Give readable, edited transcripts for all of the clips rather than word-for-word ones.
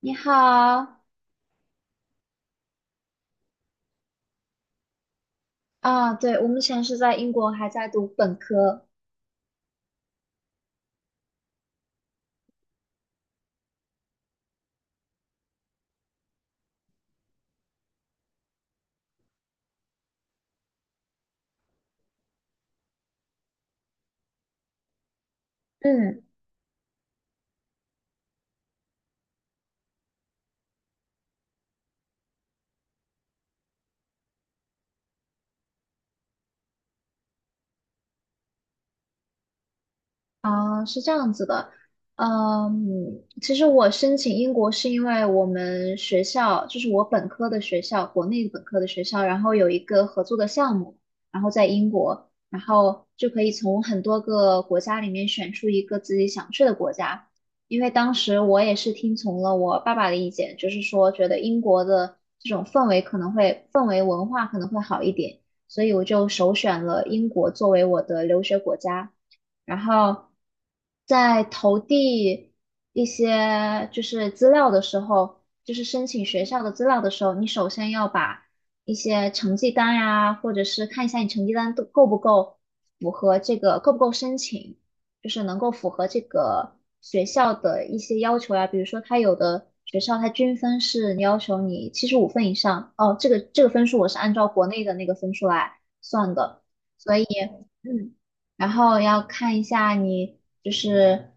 你好啊，对，我目前是在英国，还在读本科。嗯。啊，是这样子的，其实我申请英国是因为我们学校，就是我本科的学校，国内本科的学校，然后有一个合作的项目，然后在英国，然后就可以从很多个国家里面选出一个自己想去的国家。因为当时我也是听从了我爸爸的意见，就是说觉得英国的这种氛围文化可能会好一点，所以我就首选了英国作为我的留学国家。然后在投递一些就是资料的时候，就是申请学校的资料的时候，你首先要把一些成绩单呀、或者是看一下你成绩单都够不够符合这个，够不够申请，就是能够符合这个学校的一些要求呀、比如说，它有的学校它均分是要求你75分以上，哦，这个这个分数我是按照国内的那个分数来算的，所以。嗯。然后要看一下你就是，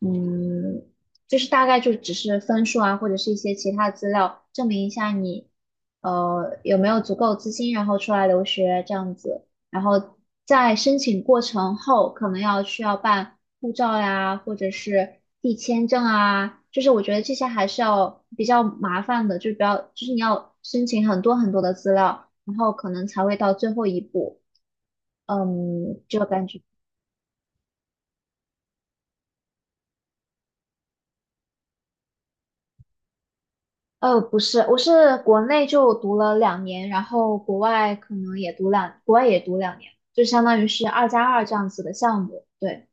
嗯，就是大概就只是分数啊，或者是一些其他资料，证明一下你，有没有足够资金，然后出来留学这样子。然后在申请过程后，可能要需要办护照呀，或者是递签证啊，就是我觉得这些还是要比较麻烦的，就是比较，就是你要申请很多很多的资料，然后可能才会到最后一步。就感觉。不是，我是国内就读了两年，然后国外也读两年，就相当于是2+2这样子的项目。对。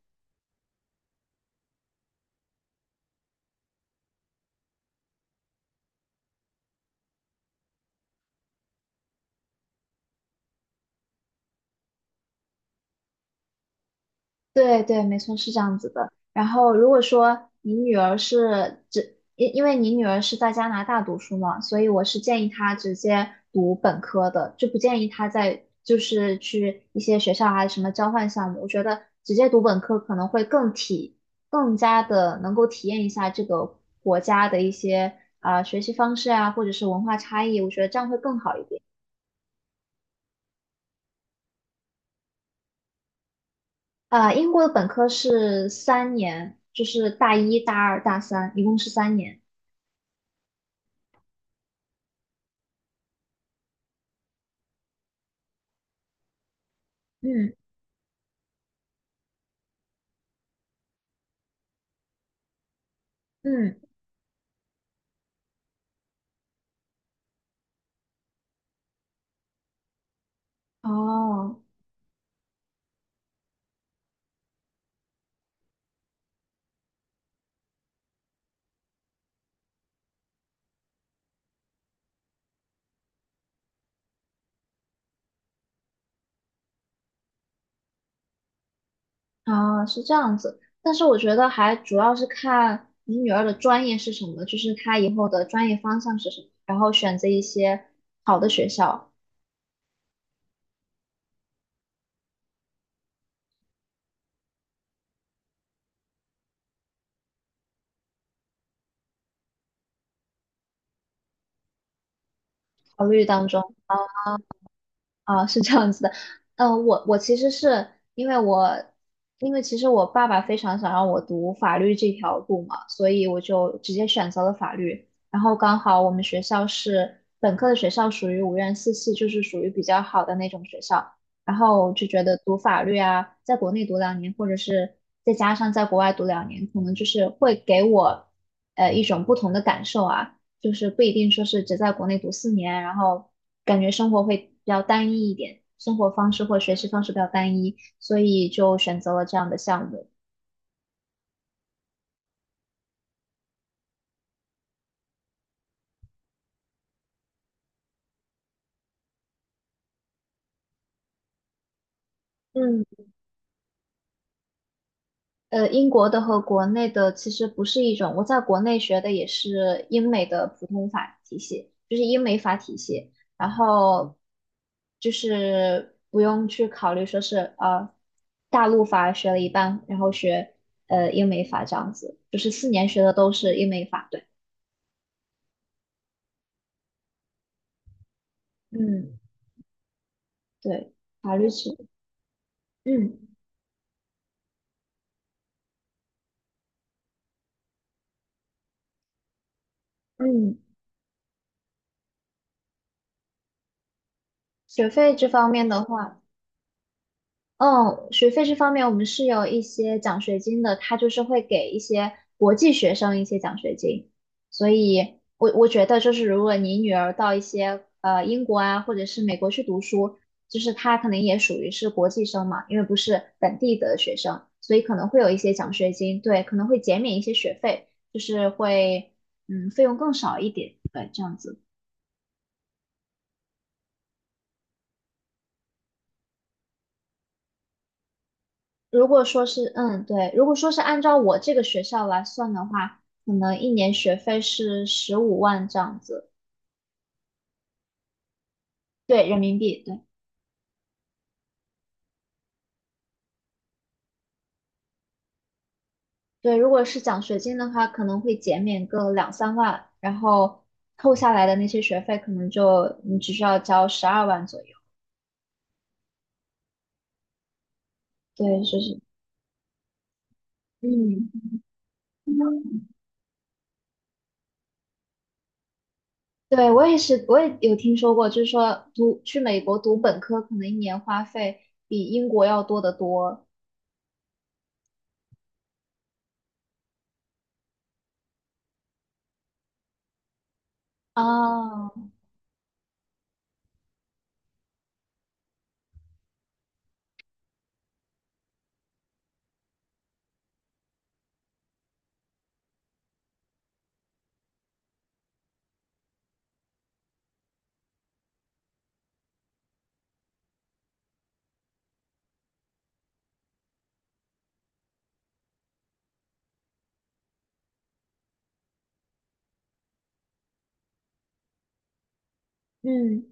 对对，没错，是这样子的。然后，如果说你女儿是只，因因为你女儿是在加拿大读书嘛，所以我是建议她直接读本科的，就不建议她在就是去一些学校啊，什么交换项目。我觉得直接读本科可能会更加的能够体验一下这个国家的一些啊、学习方式啊，或者是文化差异，我觉得这样会更好一点。啊、英国的本科是三年，就是大一、大二、大三，一共是三年。嗯嗯，哦哦，是这样子。但是我觉得还主要是看你女儿的专业是什么，就是她以后的专业方向是什么，然后选择一些好的学校，考虑当中。啊啊，是这样子的，我其实是因为我，因为其实我爸爸非常想让我读法律这条路嘛，所以我就直接选择了法律。然后刚好我们学校是本科的学校，属于五院四系，就是属于比较好的那种学校。然后就觉得读法律啊，在国内读两年，或者是再加上在国外读两年，可能就是会给我一种不同的感受啊。就是不一定说是只在国内读四年，然后感觉生活会比较单一一点，生活方式或学习方式比较单一，所以就选择了这样的项目。嗯英国的和国内的其实不是一种，我在国内学的也是英美的普通法体系，就是英美法体系，然后就是不用去考虑说是大陆法学了一半，然后学英美法这样子，就是四年学的都是英美法，对，嗯。对，法律系，嗯嗯，学费这方面的话，嗯，学费这方面我们是有一些奖学金的，它就是会给一些国际学生一些奖学金，所以我觉得就是如果你女儿到一些英国啊或者是美国去读书，就是她可能也属于是国际生嘛，因为不是本地的学生，所以可能会有一些奖学金，对，可能会减免一些学费，就是会费用更少一点，对，这样子。如果说是，对，如果说是按照我这个学校来算的话，可能一年学费是15万这样子，对，人民币，对，对。如果是奖学金的话，可能会减免个两三万，然后扣下来的那些学费，可能就你只需要交12万左右。对，就是，嗯，对，我也是，我也有听说过，就是说读去美国读本科，可能一年花费比英国要多得多。哦，嗯。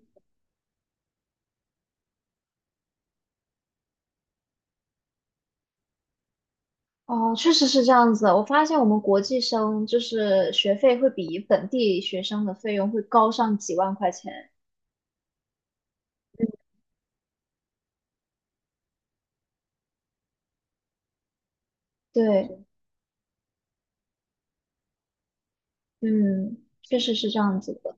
哦，确实是这样子。我发现我们国际生就是学费会比本地学生的费用会高上几万块钱。对，嗯，确实是这样子的。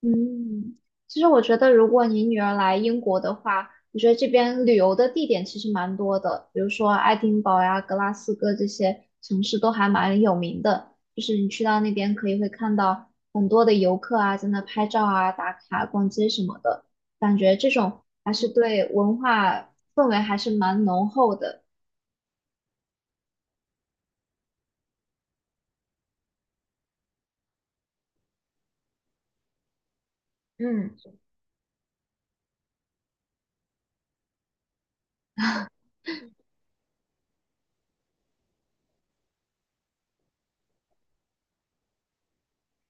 嗯，其实我觉得，如果你女儿来英国的话，我觉得这边旅游的地点其实蛮多的，比如说爱丁堡呀、格拉斯哥这些城市都还蛮有名的。就是你去到那边，可以会看到很多的游客啊，在那拍照啊、打卡、逛街什么的，感觉这种还是对文化氛围还是蛮浓厚的。嗯。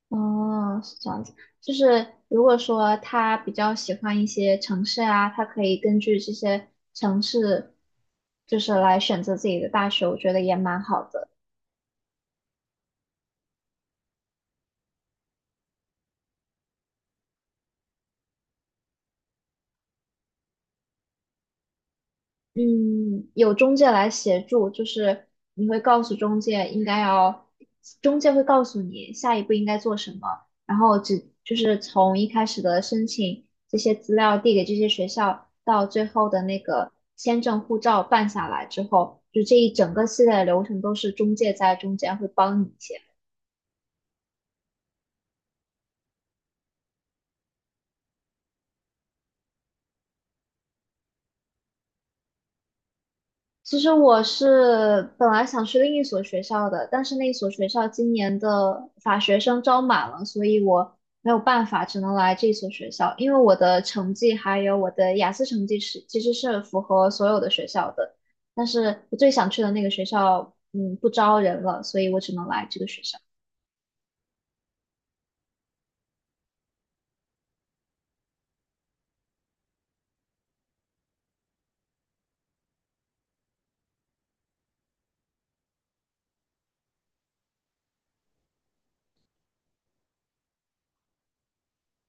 哦，是这样子，就是如果说他比较喜欢一些城市啊，他可以根据这些城市，就是来选择自己的大学，我觉得也蛮好的。嗯，有中介来协助，就是你会告诉中介应该要，中介会告诉你下一步应该做什么，然后只就是从一开始的申请这些资料递给这些学校，到最后的那个签证护照办下来之后，就这一整个系列的流程都是中介在中间会帮你一些。其实我是本来想去另一所学校的，但是那一所学校今年的法学生招满了，所以我没有办法，只能来这所学校。因为我的成绩还有我的雅思成绩是其实是符合所有的学校的，但是我最想去的那个学校，嗯，不招人了，所以我只能来这个学校。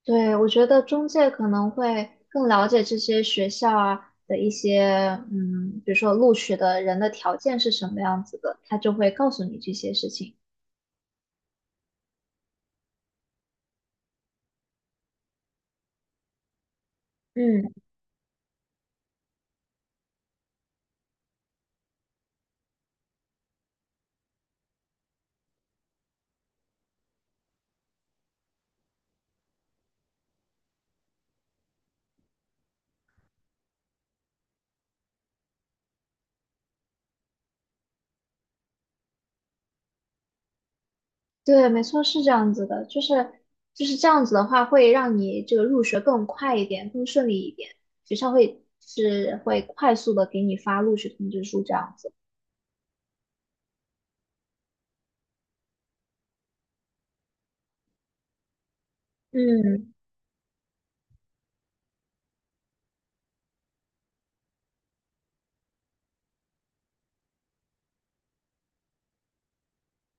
对，我觉得中介可能会更了解这些学校啊的一些，比如说录取的人的条件是什么样子的，他就会告诉你这些事情。嗯对，没错，是这样子的，就是这样子的话，会让你这个入学更快一点，更顺利一点，学校会是会快速的给你发录取通知书这样子。嗯，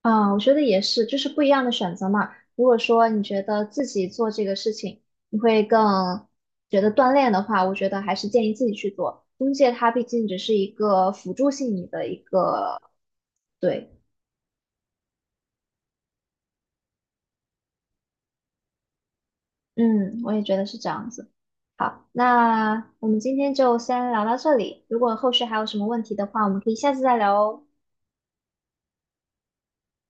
啊，我觉得也是，就是不一样的选择嘛。如果说你觉得自己做这个事情，你会更觉得锻炼的话，我觉得还是建议自己去做。中介它毕竟只是一个辅助性你的一个，对，嗯，我也觉得是这样子。好，那我们今天就先聊到这里。如果后续还有什么问题的话，我们可以下次再聊哦。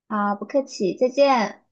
啊，不客气，再见。